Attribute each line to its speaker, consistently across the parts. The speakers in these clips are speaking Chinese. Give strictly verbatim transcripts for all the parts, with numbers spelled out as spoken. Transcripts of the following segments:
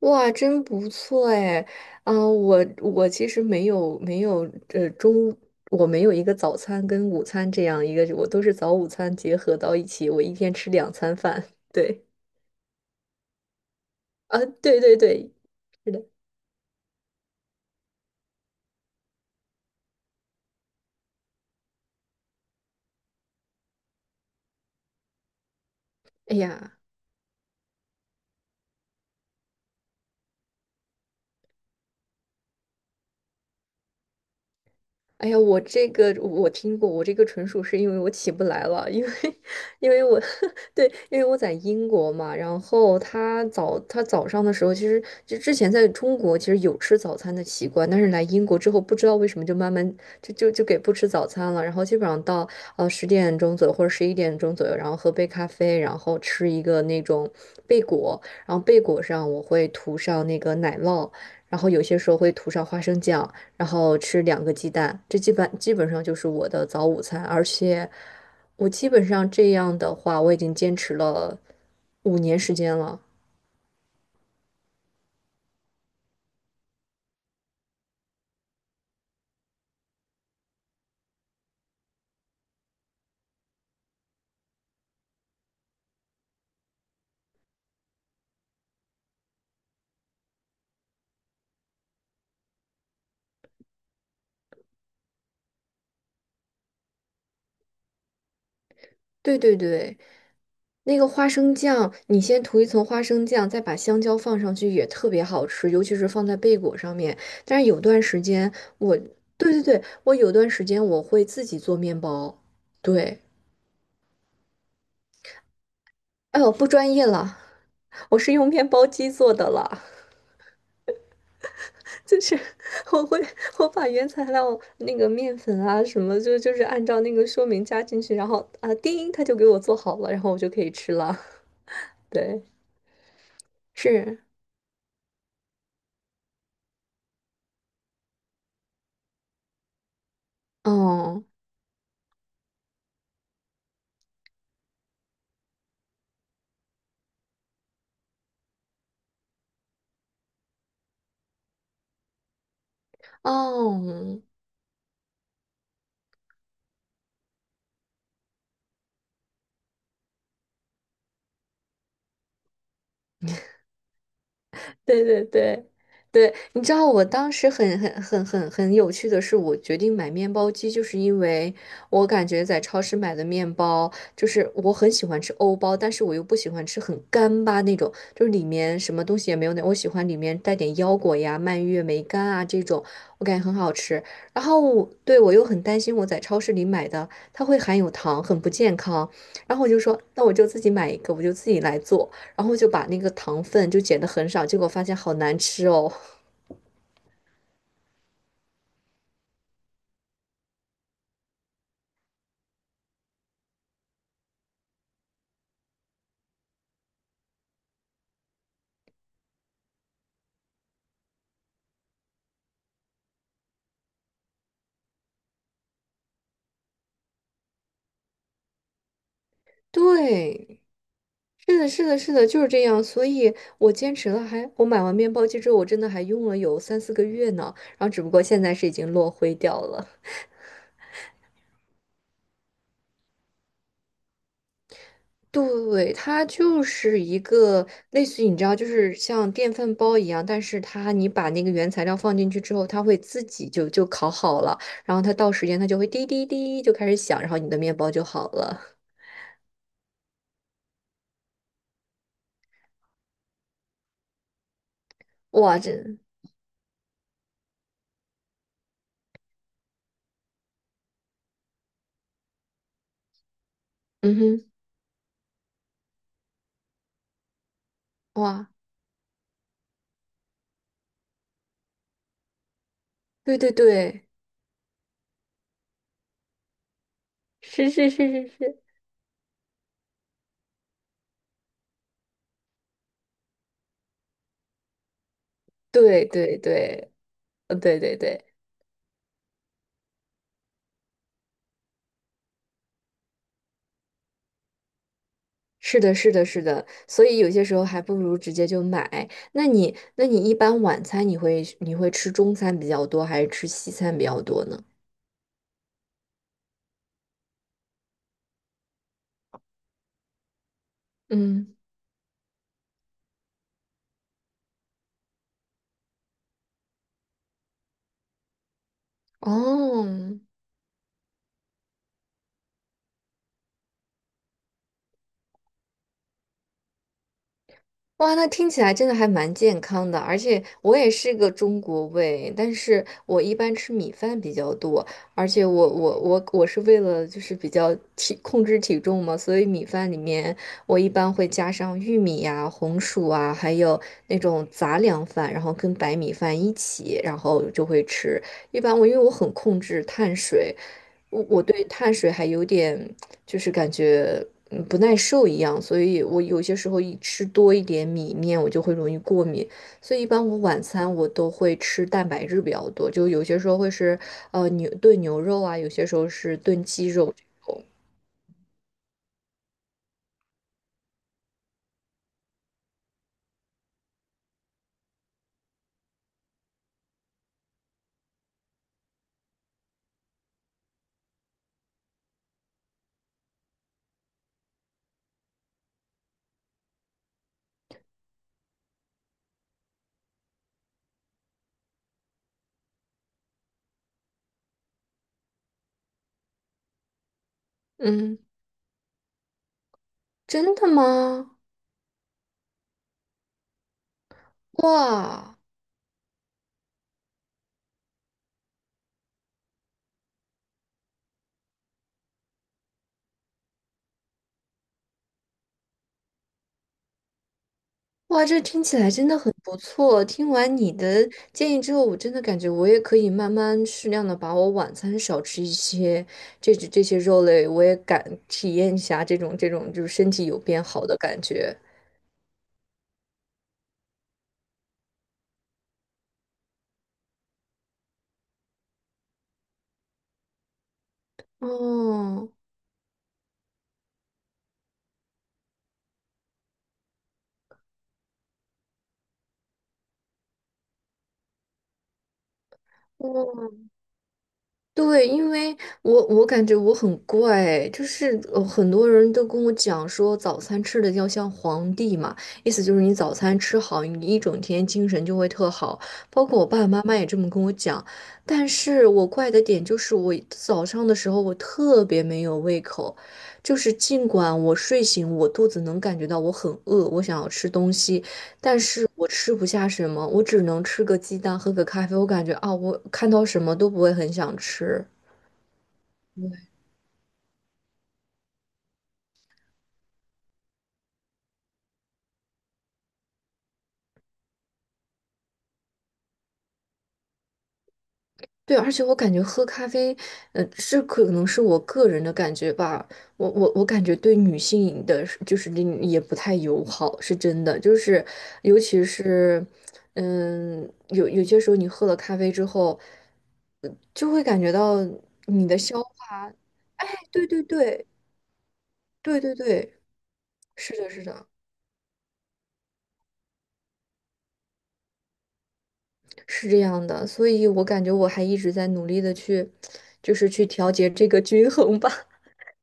Speaker 1: 哇，真不错哎！啊、我我其实没有没有呃中，我没有一个早餐跟午餐这样一个，我都是早午餐结合到一起，我一天吃两餐饭。对，啊，对对对，是的。哎呀。哎呀，我这个我听过，我这个纯属是因为我起不来了，因为 因为我 对，因为我在英国嘛，然后他早他早上的时候，其实就之前在中国其实有吃早餐的习惯，但是来英国之后，不知道为什么就慢慢就就就给不吃早餐了，然后基本上到呃十点钟左右或者十一点钟左右，然后喝杯咖啡，然后吃一个那种贝果，然后贝果上我会涂上那个奶酪，然后有些时候会涂上花生酱。然后吃两个鸡蛋，这基本基本上就是我的早午餐。而且我基本上这样的话，我已经坚持了五年时间了。对对对，那个花生酱，你先涂一层花生酱，再把香蕉放上去，也特别好吃，尤其是放在贝果上面。但是有段时间我，对对对，我有段时间我会自己做面包。对，哎呦，不专业了，我是用面包机做的了。就是我会我把原材料那个面粉啊什么，就就是按照那个说明加进去，然后啊叮，它就给我做好了，然后我就可以吃了。对，是，哦哦，对对对对，你知道我当时很很很很很有趣的是，我决定买面包机，就是因为我感觉在超市买的面包，就是我很喜欢吃欧包，但是我又不喜欢吃很干巴那种，就是里面什么东西也没有那，我喜欢里面带点腰果呀、蔓越莓干啊这种，我感觉很好吃。然后我对我又很担心我在超市里买的它会含有糖，很不健康，然后我就说，那我就自己买一个，我就自己来做。然后就把那个糖分就减得很少，结果发现好难吃哦。对，是的，是的，是的，就是这样。所以我坚持了还，我买完面包机之后，我真的还用了有三四个月呢。然后只不过现在是已经落灰掉了。对，它就是一个类似于你知道，就是像电饭煲一样，但是它你把那个原材料放进去之后，它会自己就就烤好了，然后它到时间它就会滴滴滴就开始响，然后你的面包就好了。哇，这，嗯哼，哇。对对对。是是是是是，对对对，呃，对对对，是的，是的，是的，所以有些时候还不如直接就买。那你，那你一般晚餐你会你会吃中餐比较多，还是吃西餐比较多呢？嗯，哦，哇，那听起来真的还蛮健康的，而且我也是个中国胃，但是我一般吃米饭比较多，而且我我我我是为了就是比较体控制体重嘛，所以米饭里面我一般会加上玉米呀、红薯啊，还有那种杂粮饭，然后跟白米饭一起，然后就会吃。一般我因为我很控制碳水，我我对碳水还有点。就是感觉嗯不耐受一样，所以我有些时候一吃多一点米面，我就会容易过敏。所以一般我晚餐我都会吃蛋白质比较多，就有些时候会是呃牛炖牛肉啊，有些时候是炖鸡肉这种。嗯，真的吗？哇！哇，这听起来真的很不错。听完你的建议之后，我真的感觉我也可以慢慢适量的把我晚餐少吃一些，这这些肉类，我也敢体验一下这种这种就是身体有变好的感觉。哦，哇！对，因为我我感觉我很怪，就是呃很多人都跟我讲说早餐吃的要像皇帝嘛，意思就是你早餐吃好，你一整天精神就会特好。包括我爸爸妈妈也这么跟我讲，但是我怪的点就是我早上的时候我特别没有胃口，就是尽管我睡醒，我肚子能感觉到我很饿，我想要吃东西，但是我吃不下什么，我只能吃个鸡蛋，喝个咖啡。我感觉啊，我看到什么都不会很想吃。对，而且我感觉喝咖啡，呃，是可能是我个人的感觉吧。我我我感觉对女性的是就是也不太友好，是真的。就是尤其是，嗯，有有些时候你喝了咖啡之后，呃就会感觉到你的消化，哎，对对对对对对，是的，是的。是这样的，所以我感觉我还一直在努力的去，就是去调节这个均衡吧。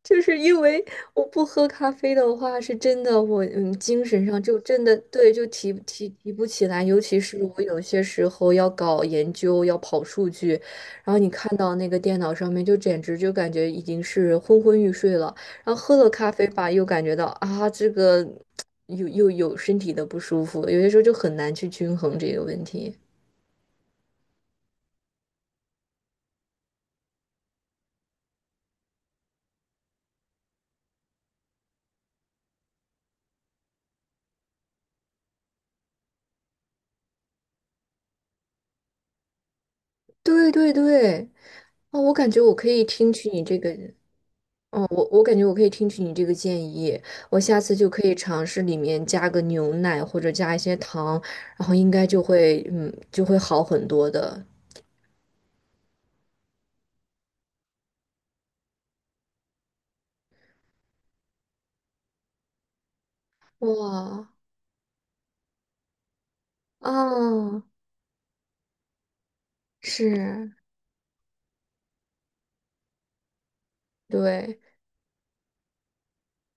Speaker 1: 就是因为我不喝咖啡的话，是真的我嗯精神上就真的对就提提提不起来，尤其是我有些时候要搞研究，要跑数据，然后你看到那个电脑上面就简直就感觉已经是昏昏欲睡了，然后喝了咖啡吧，又感觉到啊这个 又又有身体的不舒服，有些时候就很难去均衡这个问题。对对对，哦，我感觉我可以听取你这个，哦，我我感觉我可以听取你这个建议，我下次就可以尝试里面加个牛奶或者加一些糖，然后应该就会，嗯，就会好很多的。哇，啊，是，对，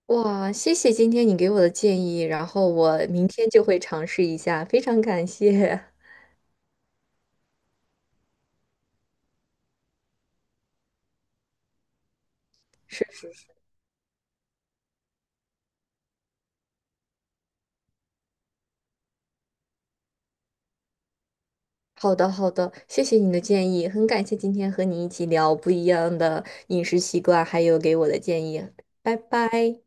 Speaker 1: 哇，谢谢今天你给我的建议，然后我明天就会尝试一下，非常感谢。是。好的，好的，谢谢你的建议，很感谢今天和你一起聊不一样的饮食习惯，还有给我的建议，拜拜。